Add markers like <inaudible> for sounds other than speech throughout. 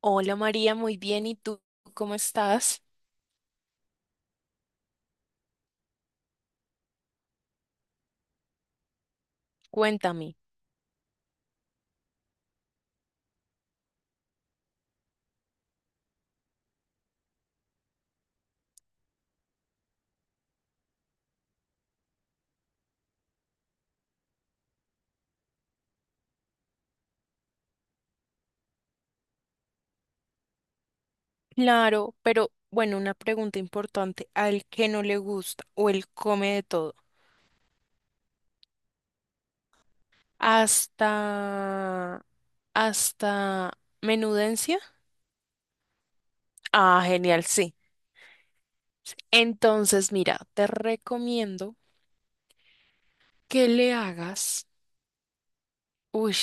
Hola María, muy bien. ¿Y tú cómo estás? Cuéntame. Claro, pero bueno, una pregunta importante. Al que no le gusta o él come de todo. Hasta... hasta menudencia. Ah, genial, sí. Entonces, mira, te recomiendo que le hagas... Uy,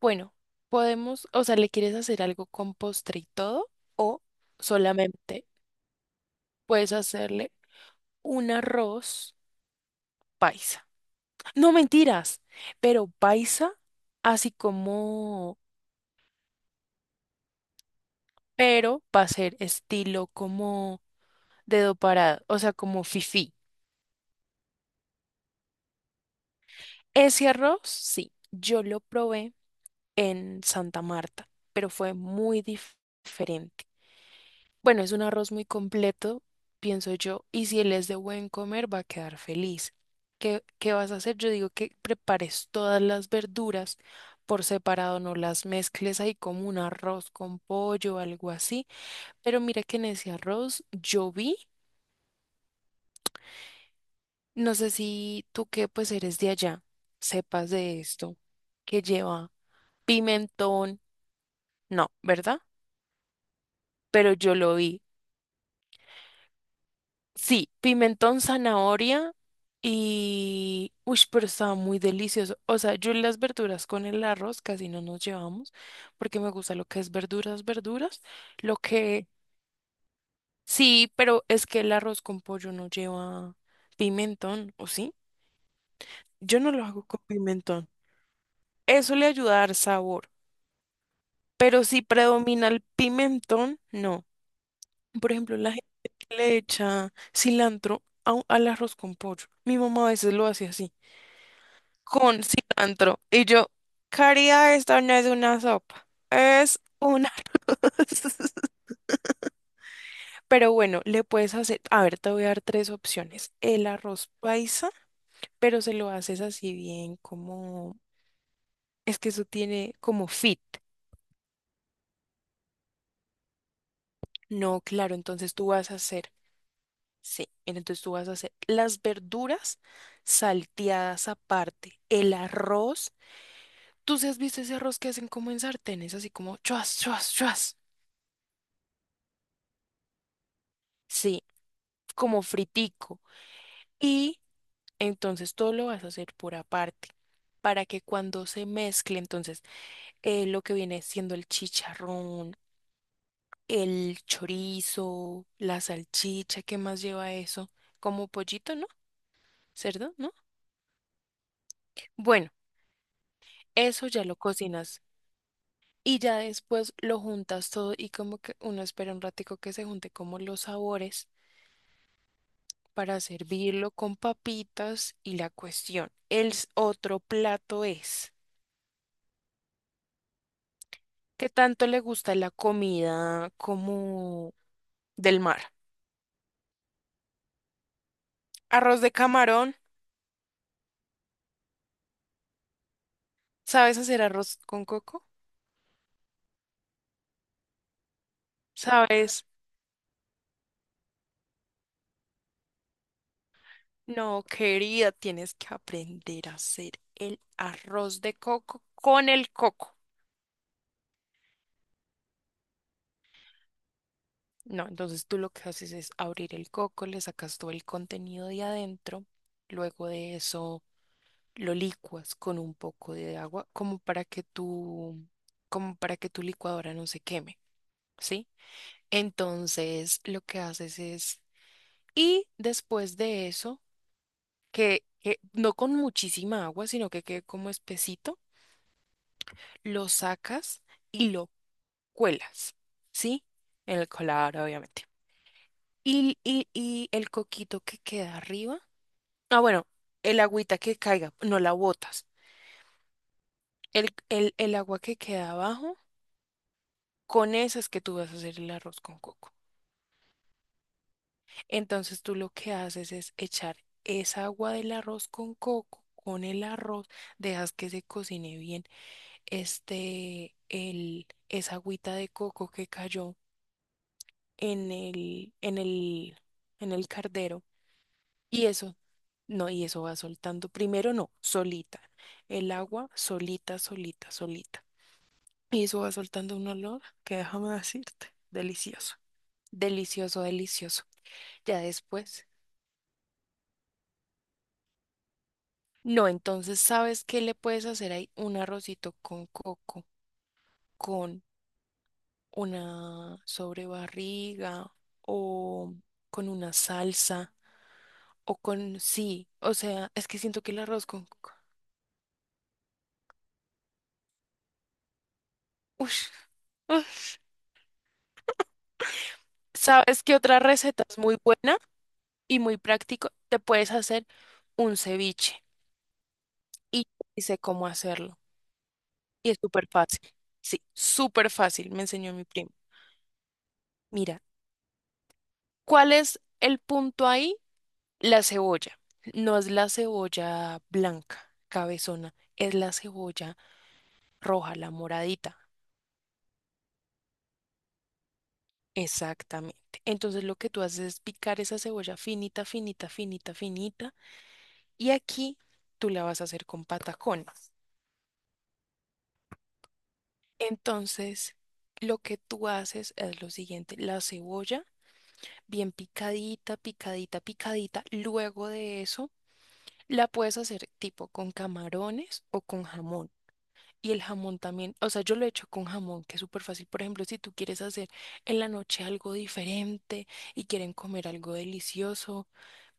bueno, podemos, o sea, ¿le quieres hacer algo con postre y todo? O solamente puedes hacerle un arroz paisa. No mentiras, pero paisa, así como, pero va a ser estilo como dedo parado, o sea, como fifí. Ese arroz, sí, yo lo probé en Santa Marta, pero fue diferente. Bueno, es un arroz muy completo, pienso yo, y si él es de buen comer, va a quedar feliz. ¿Qué vas a hacer? Yo digo que prepares todas las verduras por separado, no las mezcles ahí como un arroz con pollo o algo así. Pero mira que en ese arroz yo vi, no sé si tú que pues eres de allá, sepas de esto, que lleva pimentón, no, ¿verdad? Pero yo lo vi. Sí, pimentón, zanahoria y... pero estaba muy delicioso. O sea, yo las verduras con el arroz casi no nos llevamos porque me gusta lo que es verduras, verduras. Lo que... Sí, pero es que el arroz con pollo no lleva pimentón, ¿o sí? Yo no lo hago con pimentón. Eso le ayuda a dar sabor. Pero si predomina el pimentón, no. Por ejemplo, la gente que le echa cilantro al arroz con pollo. Mi mamá a veces lo hace así, con cilantro. Y yo, Caría, esta no es una sopa, es una... <laughs> Pero bueno, le puedes hacer, a ver, te voy a dar tres opciones. El arroz paisa, pero se lo haces así bien como, es que eso tiene como fit. No, claro, entonces tú vas a hacer. Sí, mira, entonces tú vas a hacer las verduras salteadas aparte, el arroz. ¿Tú sí has visto ese arroz que hacen como en sartenes, así como chuas, chuas, chuas? Sí, como fritico. Y entonces todo lo vas a hacer por aparte, para que cuando se mezcle, entonces lo que viene siendo el chicharrón, el chorizo, la salchicha, ¿qué más lleva eso? Como pollito, ¿no? ¿Cerdo, no? Bueno, eso ya lo cocinas. Y ya después lo juntas todo y como que uno espera un ratico que se junte como los sabores para servirlo con papitas y la cuestión. Otro plato es, ¿qué tanto le gusta la comida como del mar? Arroz de camarón. ¿Sabes hacer arroz con coco? ¿Sabes? No, querida, tienes que aprender a hacer el arroz de coco con el coco. No, entonces tú lo que haces es abrir el coco, le sacas todo el contenido de adentro, luego de eso lo licuas con un poco de agua, como para que tu licuadora no se queme, ¿sí? Entonces lo que haces es, y después de eso, que no con muchísima agua, sino que quede como espesito, lo sacas y lo cuelas, ¿sí? En el colador, obviamente. Y el coquito que queda arriba. Ah, bueno, el agüita que caiga, no la botas. El agua que queda abajo, con esa es que tú vas a hacer el arroz con coco. Entonces tú lo que haces es echar esa agua del arroz con coco con el arroz, dejas que se cocine bien este, el, esa agüita de coco que cayó en el, en el, en el cardero. Y eso, no, y eso va soltando. Primero no, solita. El agua solita, solita, solita. Y eso va soltando un olor que déjame decirte, delicioso, delicioso, delicioso. Ya después. No, entonces, ¿sabes qué le puedes hacer ahí? Un arrocito con coco, con una sobrebarriga o con una salsa o con, sí, o sea, es que siento que el arroz con coco. Ush, uf. ¿Sabes qué otra receta es muy buena y muy práctico? Te puedes hacer un ceviche y y sé cómo hacerlo. Y es súper fácil. Sí, súper fácil, me enseñó mi primo. Mira, ¿cuál es el punto ahí? La cebolla. No es la cebolla blanca, cabezona, es la cebolla roja, la moradita. Exactamente. Entonces lo que tú haces es picar esa cebolla finita, finita, finita, finita. Y aquí tú la vas a hacer con patacones. Entonces, lo que tú haces es lo siguiente, la cebolla bien picadita, picadita, picadita. Luego de eso la puedes hacer tipo con camarones o con jamón. Y el jamón también, o sea, yo lo he hecho con jamón, que es súper fácil. Por ejemplo, si tú quieres hacer en la noche algo diferente y quieren comer algo delicioso,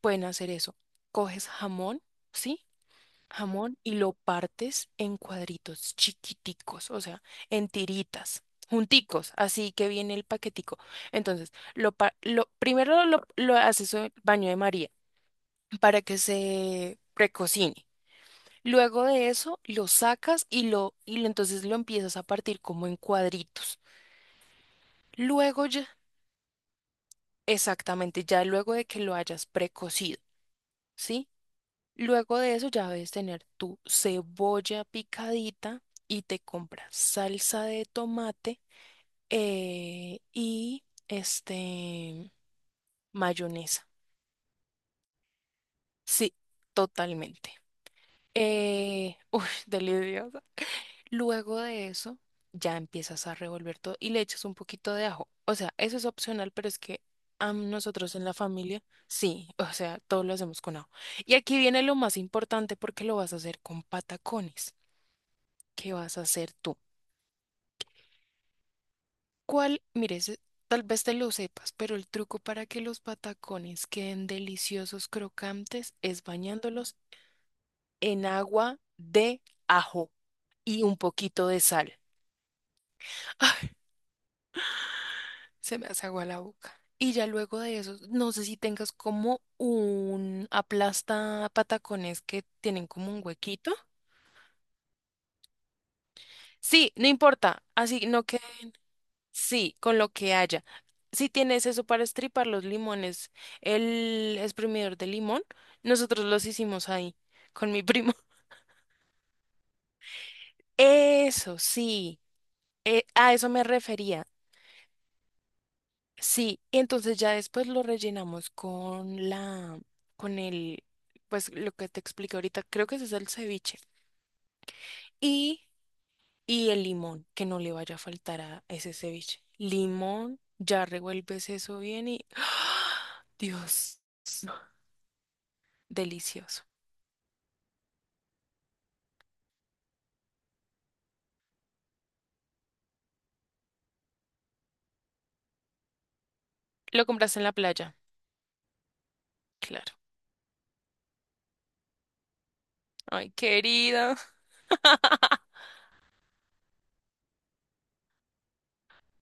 pueden hacer eso. Coges jamón, ¿sí? Jamón y lo partes en cuadritos chiquiticos, o sea, en tiritas, junticos, así que viene el paquetico. Entonces, lo, pa- lo primero lo haces en el baño de María para que se precocine. Luego de eso lo sacas entonces lo empiezas a partir como en cuadritos. Luego ya, exactamente, ya luego de que lo hayas precocido, ¿sí? Luego de eso ya debes tener tu cebolla picadita y te compras salsa de tomate y este mayonesa. Sí, totalmente. <laughs> Deliciosa. Luego de eso, ya empiezas a revolver todo y le echas un poquito de ajo. O sea, eso es opcional, pero es que a nosotros en la familia, sí, o sea, todo lo hacemos con ajo. Y aquí viene lo más importante porque lo vas a hacer con patacones. ¿Qué vas a hacer tú? ¿Cuál? Mire, ese- tal vez te lo sepas, pero el truco para que los patacones queden deliciosos, crocantes, es bañándolos en agua de ajo y un poquito de sal. <laughs> Se me hace agua la boca. Y ya luego de eso, no sé si tengas como un aplasta patacones que tienen como un huequito. Sí, no importa. Así, no que sí, con lo que haya. Si tienes eso para estripar los limones, el exprimidor de limón, nosotros los hicimos ahí con mi primo. <laughs> Eso, sí. A eso me refería. Sí, y entonces ya después lo rellenamos con la, con el, pues lo que te expliqué ahorita, creo que ese es el ceviche. Y, y el limón, que no le vaya a faltar a ese ceviche. Limón, ya revuelves eso bien y ¡ah! Dios, delicioso. Lo compraste en la playa, claro. Ay, querida.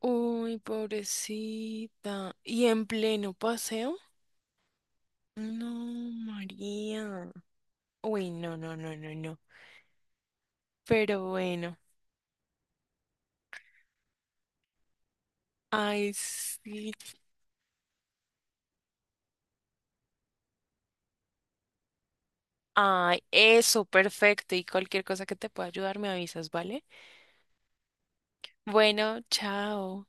Uy, pobrecita. ¿Y en pleno paseo? No, María. Uy, no, no, no, no, no. Pero bueno, ay, sí. Ay, eso, perfecto. Y cualquier cosa que te pueda ayudar, me avisas, ¿vale? Bueno, chao.